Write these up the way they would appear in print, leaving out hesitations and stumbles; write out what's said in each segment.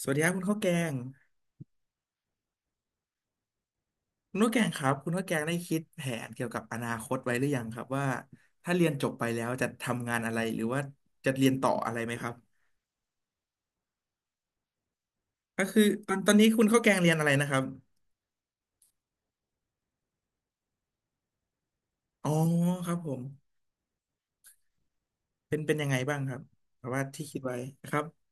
สวัสดีครับคุณข้าวแกงคุณข้าวแกงครับคุณข้าวแกงได้คิดแผนเกี่ยวกับอนาคตไว้หรือยังครับว่าถ้าเรียนจบไปแล้วจะทำงานอะไรหรือว่าจะเรียนต่ออะไรไหมครับก็คือตอนนี้คุณข้าวแกงเรียนอะไรนะครับอ๋อครับผมเป็นยังไงบ้างครับแต่ว่าที่คิดไว้ครับ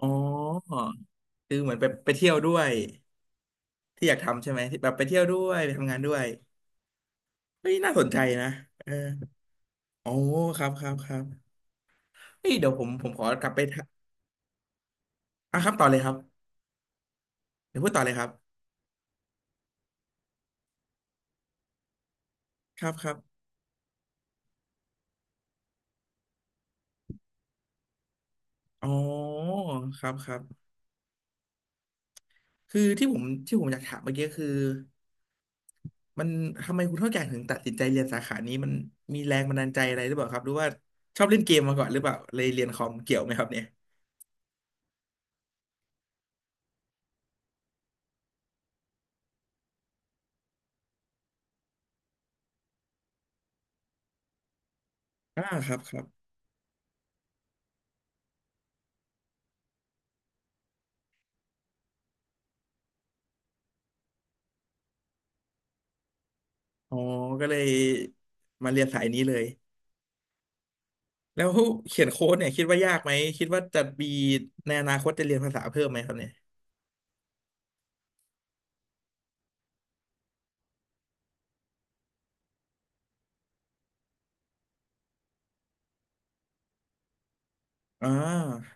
อ๋อคือเหมือนไปเที่ยวด้วยที่อยากทำใช่ไหมที่แบบไปเที่ยวด้วยไปทำงานด้วยเฮ้ยน่าสนใจนะเอออ๋อครับครับครับเฮ้ยเดี๋ยวผมขอกลับไปทะอ่ะครับต่อเลยครับเดี๋ยวพูดต่อเลยครับ ครับครับอ๋อครับครับคือที่ผมอยากถามเมื่อกี้คือมันทำไมคุณเท่าแก่ถึงตัดสินใจเรียนสาขานี้มันมีแรงบันดาลใจอะไรหรือเปล่าครับหรือว่าชอบเล่นเกมมาก่อนหรือเปล่าเลยเรียนคอมเกี่ยวไหมครับเนี่ยอ่าครับครับอ๋อก็เลยมาเรียนสายนี้เลยแล้วเขียนโค้ดเนี่ยคิดว่ายากไหมคิดว่าจะมีในอนาคตจะเรียนภาษาเพิ่มไหมครับเนี่ยอ่า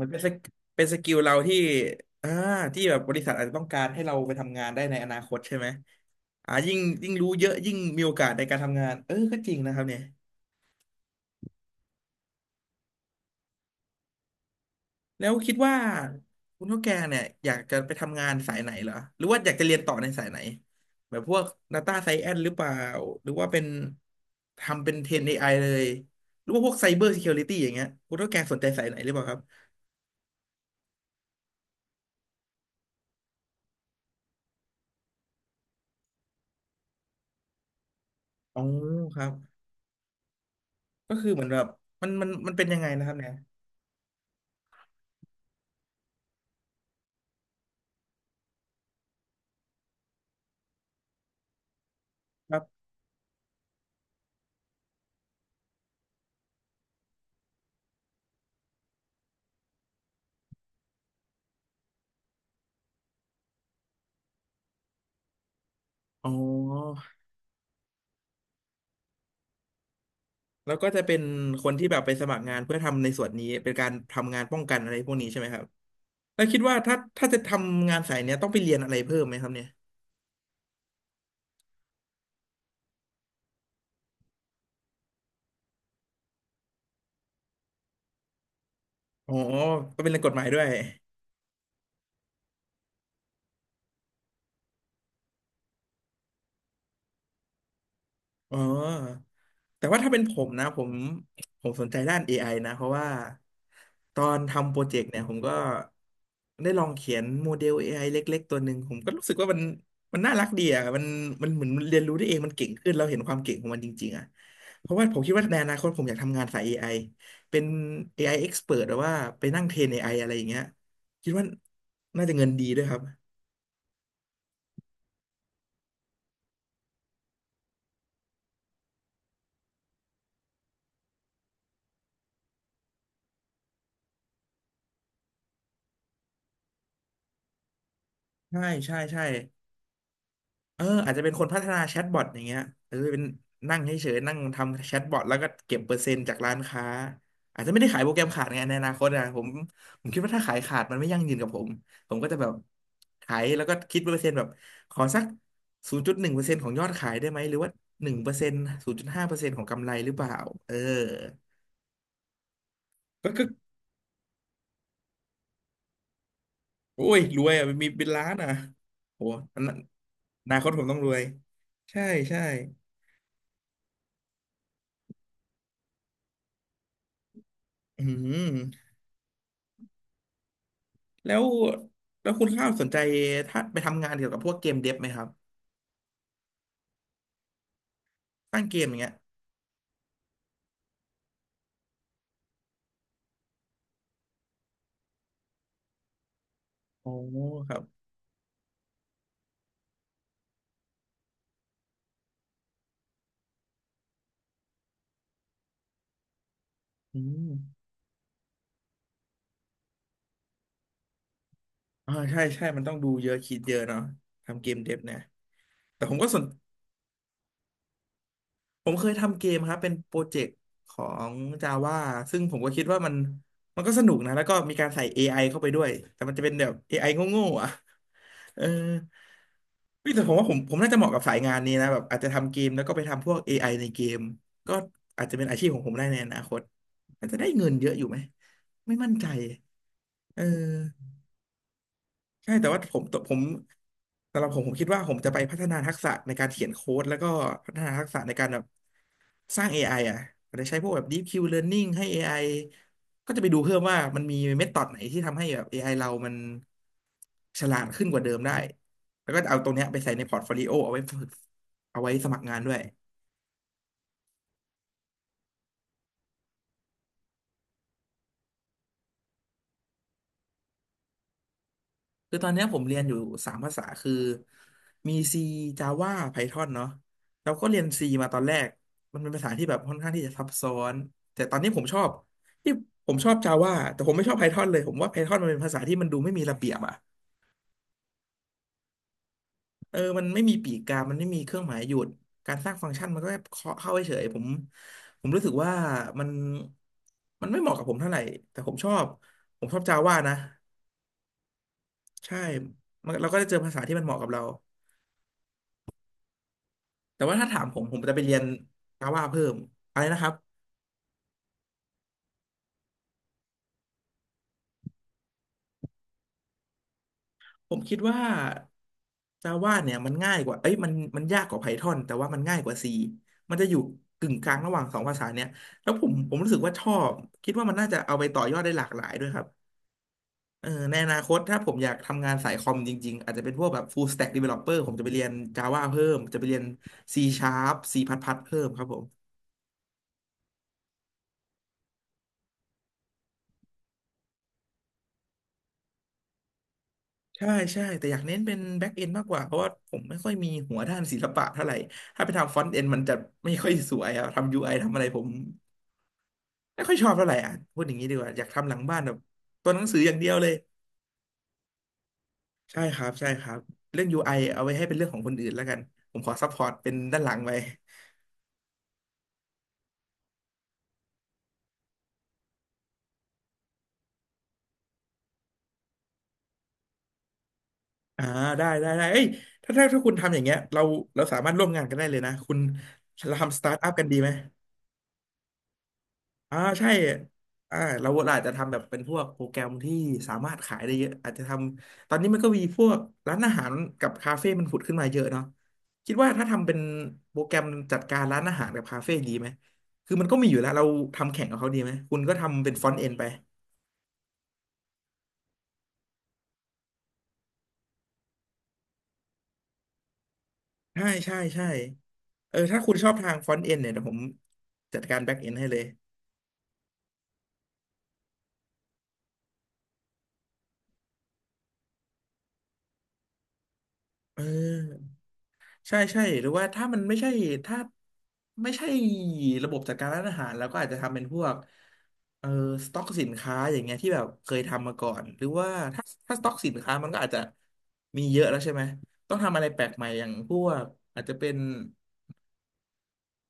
มันเป็นสกเป็นสกิลเราที่อ่าที่แบบบริษัทอาจจะต้องการให้เราไปทำงานได้ในอนาคตใช่ไหมอ่ายิ่งรู้เยอะยิ่งมีโอกาสในการทำงานเออก็จริงนะครับเนี่ยแล้วคิดว่าคุณเท่าแกเนี่ยอยากจะไปทำงานสายไหนเหรอหรือว่าอยากจะเรียนต่อในสายไหนแบบพวก Data Science หรือเปล่าหรือว่าเป็นทำเป็นเทรนเอไ i เลยหรือว่าพวก Cyber Security อย่างเงี้ยคุณเท่าแกสนใจสายไหนหรือเปล่าครับอ๋อครับก็คือเหมือนแบบมันเป็นยังไงนะครับเนี่ยครับอ๋อ แล้วก็จะเป็นคนที่แบบไปสมัครงานเพื่อทำในส่วนนี้เป็นการทำงานป้องกันอะไรพวกนี้ใช่ไหมครับแล้วคิดว่าถ้าจะทำงานสายเนี้ยต้องไปเรียนอะไรเพิ่มไหมครับเนี่ยอ๋อต้องไปเรียนกฎหมายด้วย อ๋อแต่ว่าถ้าเป็นผมนะผมสนใจด้าน AI นะเพราะว่าตอนทำโปรเจกต์เนี่ยผมก็ได้ลองเขียนโมเดล AI เล็กๆตัวหนึ่งผมก็รู้สึกว่ามันน่ารักดีอ่ะมันเหมือนมันเรียนรู้ได้เองมันเก่งขึ้นเราเห็นความเก่งของมันจริงๆอ่ะเพราะว่าผมคิดว่าในอนาคตผมอยากทำงานสาย AI เป็น AI expert หรือว่าไปนั่งเทรน AI อไออะไรอย่างเงี้ยคิดว่าน่าจะเงินดีด้วยครับใช่ใช่ เอออาจจะเป็นคนพัฒนาแชทบอทอย่างเงี้ยเอาเป็นนั่งเฉยๆนั่งทำแชทบอทแล้วก็เก็บเปอร์เซ็นต์จากร้านค้าอาจจะไม่ได้ขายโปรแกรมขาดไงในอนาคตอ่ะผมผมคิดว่าถ้าขายขาดมันไม่ยั่งยืนกับผมผมก็จะแบบขายแล้วก็คิดเปอร์เซ็นต์แบบขอสักศูนย์จุดหนึ่งเปอร์เซ็นต์ของยอดขายได้ไหมหรือว่าหนึ่งเปอร์เซ็นต์ศูนย์จุดห้าเปอร์เซ็นต์ของกำไรหรือเปล่าเออก็คือโอ้ยรวยอ่ะมีเป็นล้านอ่ะโหอนาอนาคตผมต้องรวยใช่ใช่อืม แล้วแล้วคุณข้าวสนใจถ้าไปทำงานเกี่ยวกับพวกเกมเดฟไหมครับสร้างเกมอย่างเงี้ยโอ้ครับอืมอ่าใช่มันต้องดูเยอะคิดเยอะเนาะทำเกมเดฟเนี่ยแต่ผมก็สนผมเคยทำเกมครับเป็นโปรเจกต์ของ Java ซึ่งผมก็คิดว่ามันก็สนุกนะแล้วก็มีการใส่ AI เข้าไปด้วยแต่มันจะเป็นแบบ AI โง่ๆอ่ะ เออเฮ้ยแต่ผมว่าผมน่าจะเหมาะกับสายงานนี้นะแบบอาจจะทำเกมแล้วก็ไปทำพวก AI ในเกมก็อาจจะเป็นอาชีพของผมได้ในอนาคตอาจจะได้เงินเยอะอยู่ไหมไม่มั่นใจเออ ใช่แต่ว่าผมผมสำหรับผมผมคิดว่าผมจะไปพัฒนาทักษะในการเขียนโค้ดแล้วก็พัฒนาทักษะในการแบบสร้าง AI อไออ่ะอาจจะใช้พวกแบบ Deep Q Learning ให้ AI ก็จะไปดูเพิ่มว่ามันมีเมธอดไหนที่ทำให้แบบ AI เรามันฉลาดขึ้นกว่าเดิมได้แล้วก็เอาตรงเนี้ยไปใส่ในพอร์ตโฟลิโอเอาไว้ฝึกเอาไว้สมัครงานด้วย คือตอนเนี้ยผมเรียนอยู่สามภาษาคือมี C Java Python เนาะเราก็เรียน C มาตอนแรกมันเป็นภาษาที่แบบค่อนข้างที่จะซับซ้อนแต่ตอนนี้ผมชอบที่ผมชอบ Java แต่ผมไม่ชอบ Python เลยผมว่า Python มันเป็นภาษาที่มันดูไม่มีระเบียบอะมันไม่มีปีกกามันไม่มีเครื่องหมายหยุดการสร้างฟังก์ชันมันก็แค่เคาะเข้าเฉยๆผมรู้สึกว่ามันมันไม่เหมาะกับผมเท่าไหร่แต่ผมชอบผมชอบ Java นะใช่มันเราก็จะเจอภาษาที่มันเหมาะกับเรา แต่ว่าถ้าถามผมผมจะไปเรียน Java เพิ่มอะไรนะครับผมคิดว่า Java เนี่ยมันง่ายกว่าเอ้ยมันมันยากกว่า Python แต่ว่ามันง่ายกว่า C มันจะอยู่กึ่งกลางระหว่างสองภาษาเนี่ยแล้วผมรู้สึกว่าชอบคิดว่ามันน่าจะเอาไปต่อยอดได้หลากหลายด้วยครับในอนาคตถ้าผมอยากทำงานสายคอมจริงๆอาจจะเป็นพวกแบบ full stack developer ผมจะไปเรียน Java เพิ่มจะไปเรียน C sharp C++ เพิ่มครับผม ใช่ใช่แต่อยากเน้นเป็นแบ็กเอนมากกว่าเพราะว่าผมไม่ค่อยมีหัวด้านศิลปะเท่าไหร่ถ้าไปทำฟอนต์เอนมันจะไม่ค่อยสวยอะทำยูไอทำอะไรผมไม่ค่อยชอบเท่าไหร่อ่ะพูดอย่างนี้ดีกว่าอยากทำหลังบ้านแบบตัวหนังสืออย่างเดียวเลยใช่ครับใช่ครับเรื่องยูไอเอาไว้ให้เป็นเรื่องของคนอื่นแล้วกันผมขอซัพพอร์ตเป็นด้านหลังไปอ่าได้ได้ได้เอ้ยถ้าคุณทำอย่างเงี้ยเราสามารถร่วมงานกันได้เลยนะคุณเราทำสตาร์ทอัพกันดีไหม อ่าใช่เราอาจจะทำแบบเป็นพวกโปรแกรมที่สามารถขายได้เยอะอาจจะทำตอนนี้มันก็มีพวกร้านอาหารกับคาเฟ่มันผุดขึ้นมาเยอะเนาะคิดว่าถ้าทำเป็นโปรแกรมจัดการร้านอาหารกับคาเฟ่ดีไหมคือมันก็มีอยู่แล้วเราทำแข่งกับเขาดีไหมคุณก็ทำเป็นฟรอนต์เอนไปใช่ใช่ใช่ถ้าคุณชอบทางฟรอนต์เอนเนี่ยเดี๋ยวผมจัดการแบ็กเอนให้เลยเออ ใช่ใช่หรือว่าถ้ามันไม่ใช่ถ้าไม่ใช่ระบบจัดการร้านอาหารแล้วก็อาจจะทำเป็นพวกเออสต็อกสินค้าอย่างเงี้ยที่แบบเคยทำมาก่อนหรือว่าถ้าถ้าสต็อกสินค้ามันก็อาจจะมีเยอะแล้วใช่ไหมต้องทำอะไรแปลกใหม่อย่างพวกอาจจะเป็น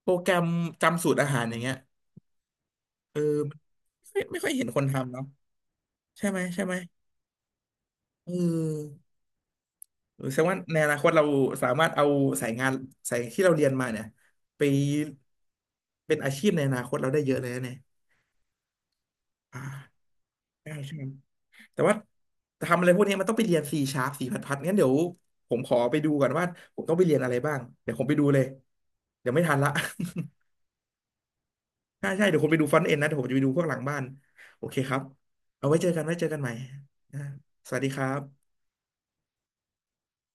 โปรแกรมจำสูตรอาหารอย่างเงี้ยเออไม่ค่อยเห็นคนทำเนาะใช่ไหมใช่ไหมเออ แสดงว่าในอนาคตเราสามารถเอาสายงานสายที่เราเรียนมาเนี่ยไปเป็นอาชีพในอนาคตเราได้เยอะเลยนะเนี่ยอ่าใช่ใช่แต่ว่าทำอะไรพวกนี้มันต้องไปเรียน C sharp สีพัดพัดงั้นเดี๋ยวผมขอไปดูก่อนว่าผมต้องไปเรียนอะไรบ้างเดี๋ยวผมไปดูเลยเดี๋ยวไม่ทันละ ใช่ใช่เดี๋ยวผมไปดูฟรอนต์เอ็นนะเดี๋ยวผมจะไปดูพวกหลังบ้านโอเคครับเอาไว้เจอกันไว้เจอกันใหม่อ่าสวัสดีครับ